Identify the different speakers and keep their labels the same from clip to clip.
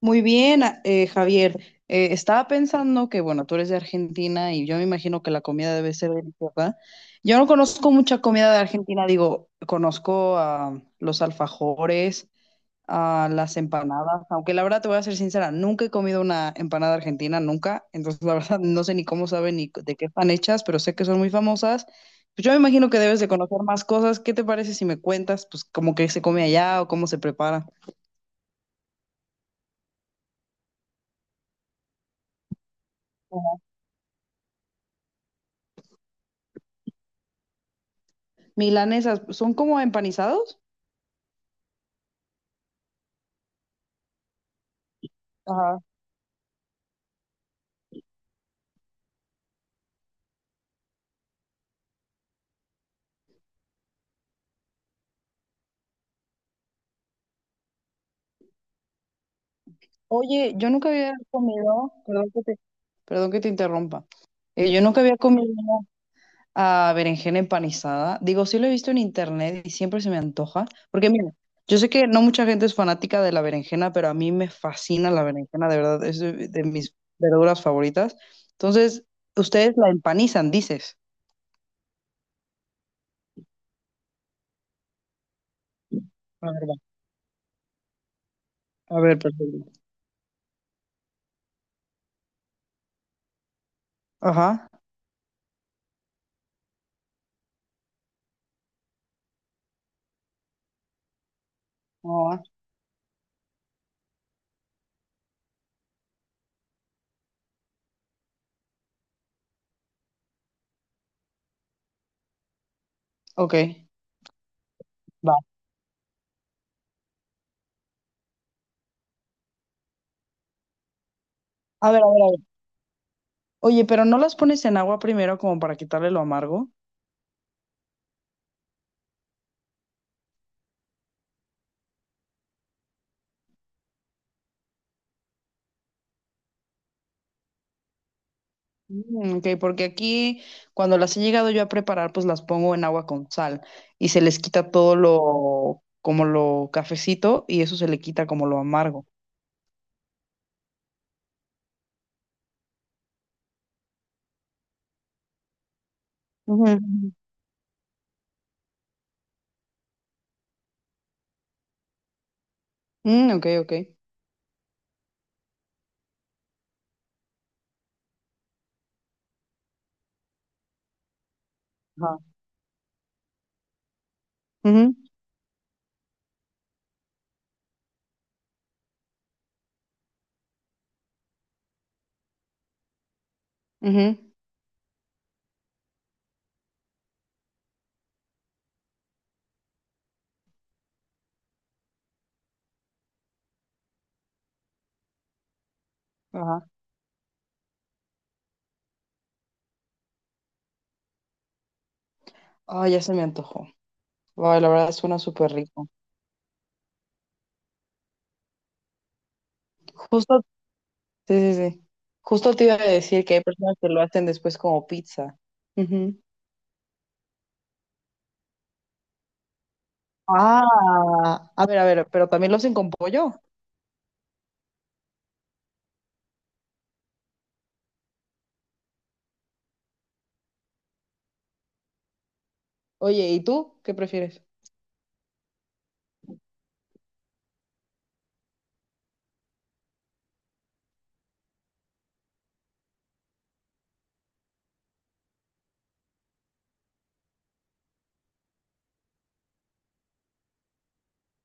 Speaker 1: Muy bien, Javier. Estaba pensando que, bueno, tú eres de Argentina y yo me imagino que la comida debe ser deliciosa. Yo no conozco mucha comida de Argentina, digo, conozco a los alfajores, a las empanadas, aunque la verdad te voy a ser sincera, nunca he comido una empanada argentina, nunca. Entonces, la verdad, no sé ni cómo saben ni de qué están hechas, pero sé que son muy famosas. Pues yo me imagino que debes de conocer más cosas. ¿Qué te parece si me cuentas, pues, cómo que se come allá o cómo se prepara? Milanesas, ¿son como empanizados? Ajá. Oye, yo nunca había comido, perdón que te, perdón que te interrumpa. Yo nunca había comido a berenjena empanizada. Digo, sí lo he visto en internet y siempre se me antoja. Porque mira, yo sé que no mucha gente es fanática de la berenjena, pero a mí me fascina la berenjena, de verdad, es de mis verduras favoritas. Entonces, ustedes la empanizan, dices. A ver, va. A ver, perfecto. Ajá. Ah, ok. Va. A ver, a ver, a ver. Oye, pero ¿no las pones en agua primero como para quitarle lo amargo? Mm, ok, porque aquí cuando las he llegado yo a preparar, pues las pongo en agua con sal y se les quita todo lo, como lo cafecito y eso se le quita como lo amargo. Ujú. Mm, ok, ok. Ajá. Ujú, ujú, ajá. Ay, ya se me antojó. Ay, la verdad suena súper rico. Justo, sí, sí, sí. Justo te iba a decir que hay personas que lo hacen después como pizza. Ah, a ver, pero también lo hacen con pollo. Oye, ¿y tú qué prefieres?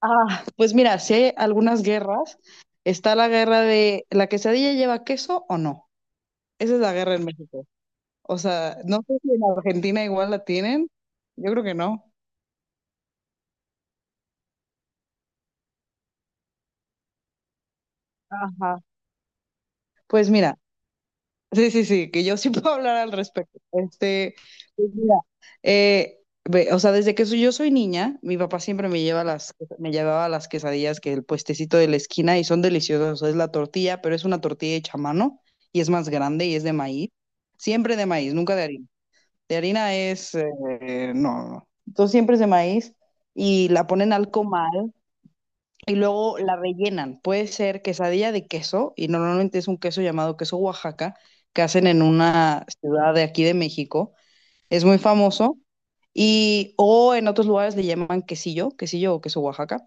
Speaker 1: Ah, pues mira, si hay algunas guerras, está la guerra de ¿la quesadilla lleva queso o no? Esa es la guerra en México. O sea, no sé si en Argentina igual la tienen. Yo creo que no. Ajá. Pues mira. Sí, sí, sí, que yo sí puedo hablar al respecto. Este, pues mira, o sea, yo soy niña, mi papá siempre me llevaba las quesadillas que el puestecito de la esquina y son deliciosas. O sea, es la tortilla, pero es una tortilla hecha a mano y es más grande y es de maíz. Siempre de maíz, nunca de harina. De harina es, no, no. Entonces siempre es de maíz y la ponen al comal y luego la rellenan. Puede ser quesadilla de queso, y normalmente es un queso llamado queso Oaxaca, que hacen en una ciudad de aquí de México, es muy famoso. Y, o en otros lugares le llaman quesillo, quesillo o queso Oaxaca.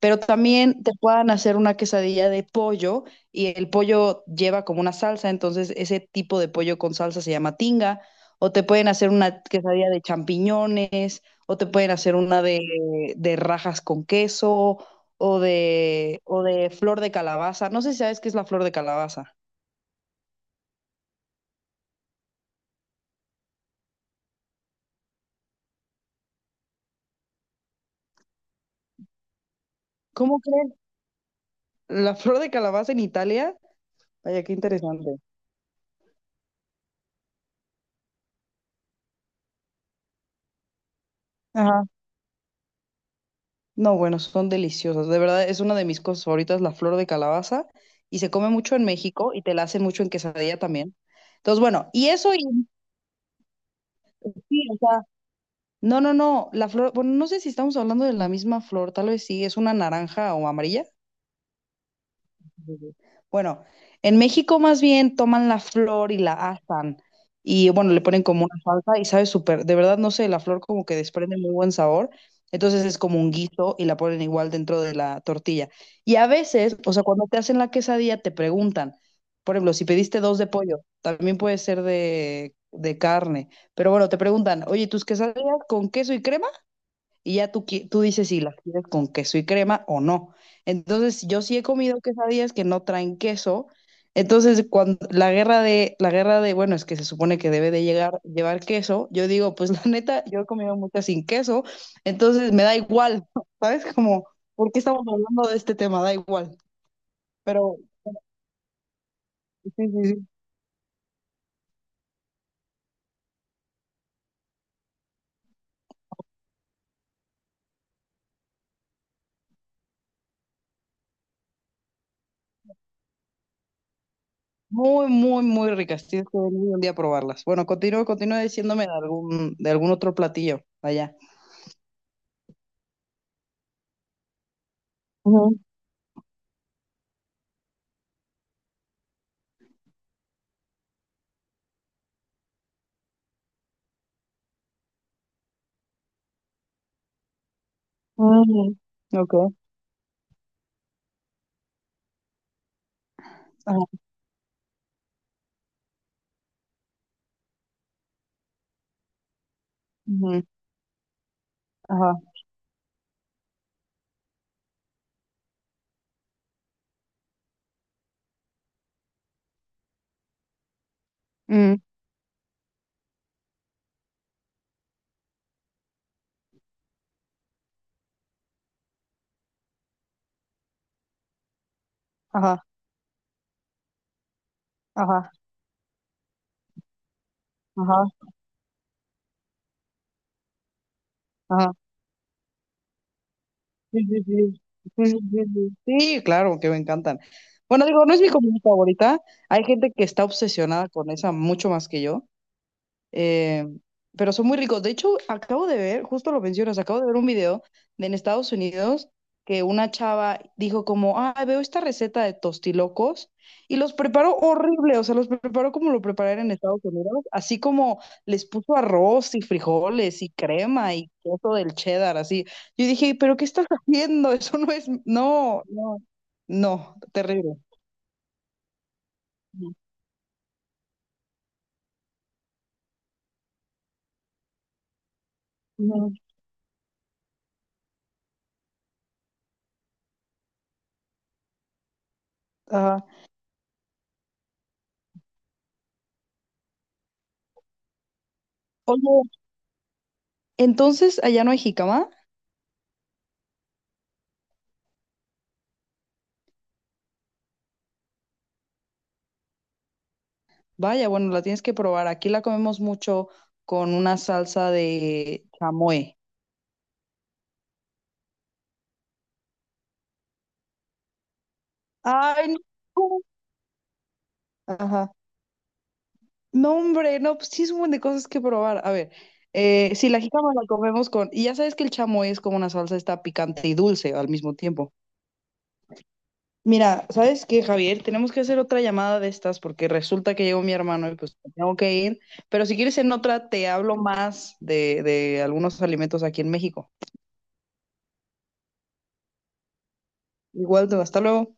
Speaker 1: Pero también te puedan hacer una quesadilla de pollo y el pollo lleva como una salsa, entonces ese tipo de pollo con salsa se llama tinga. O te pueden hacer una quesadilla de champiñones, o te pueden hacer una de, rajas con queso, o de flor de calabaza. No sé si sabes qué es la flor de calabaza. ¿Cómo crees? La flor de calabaza en Italia. Vaya, qué interesante. Ajá. No, bueno, son deliciosas. De verdad, es una de mis cosas favoritas, la flor de calabaza. Y se come mucho en México y te la hacen mucho en quesadilla también. Entonces, bueno, y eso y sí, o sea, no, no, no, la flor, bueno, no sé si estamos hablando de la misma flor, tal vez sí, es una naranja o amarilla. Sí. Bueno, en México más bien toman la flor y la asan y bueno, le ponen como una salsa y sabe súper, de verdad no sé, la flor como que desprende muy buen sabor, entonces es como un guiso y la ponen igual dentro de la tortilla. Y a veces, o sea, cuando te hacen la quesadilla te preguntan, por ejemplo, si pediste dos de pollo, también puede ser de, carne, pero bueno, te preguntan, oye, ¿tus quesadillas con queso y crema y ya tú, tú dices si las quieres con queso y crema o no? Entonces, yo sí he comido quesadillas que no traen queso. Entonces, cuando la guerra de, bueno, es que se supone que debe de llevar queso, yo digo, pues la neta, yo he comido muchas sin queso, entonces me da igual, ¿sabes? Como, ¿por qué estamos hablando de este tema? Da igual. Pero sí, sí, sí. Muy, muy, muy ricas. Tienes que venir un día a probarlas. Bueno, continúa, continúa diciéndome de algún otro platillo allá. Ujú. Mm, ok. Ujú, ajá, mm, ajá, ajá, ajá, ajá. Sí, sí, sí. Sí, sí, sí, sí. Sí, claro, que me encantan. Bueno, digo, no es mi comida favorita. Hay gente que está obsesionada con esa mucho más que yo. Eh, pero son muy ricos. De hecho, acabo de ver, justo lo mencionas, acabo de ver un video de en Estados Unidos que una chava dijo como, ah, veo esta receta de tostilocos y los preparó horrible, o sea, los preparó como lo prepararon en Estados Unidos, así como les puso arroz y frijoles y crema y queso del cheddar, así. Yo dije, pero ¿qué estás haciendo? Eso no es, no, no, terrible. Ujú. Ujú. Ajá. Oye, entonces, ¿allá no hay jicama? Vaya, bueno, la tienes que probar. Aquí la comemos mucho con una salsa de chamoy. Ay, no. Ajá. No, hombre, no, pues sí es un montón de cosas que probar. A ver, si la jícama la comemos con... Y ya sabes que el chamoy es como una salsa, está picante y dulce al mismo tiempo. Mira, ¿sabes qué, Javier? Tenemos que hacer otra llamada de estas porque resulta que llegó mi hermano y pues tengo que ir. Pero si quieres en otra, te hablo más de, algunos alimentos aquí en México. Igual, hasta luego.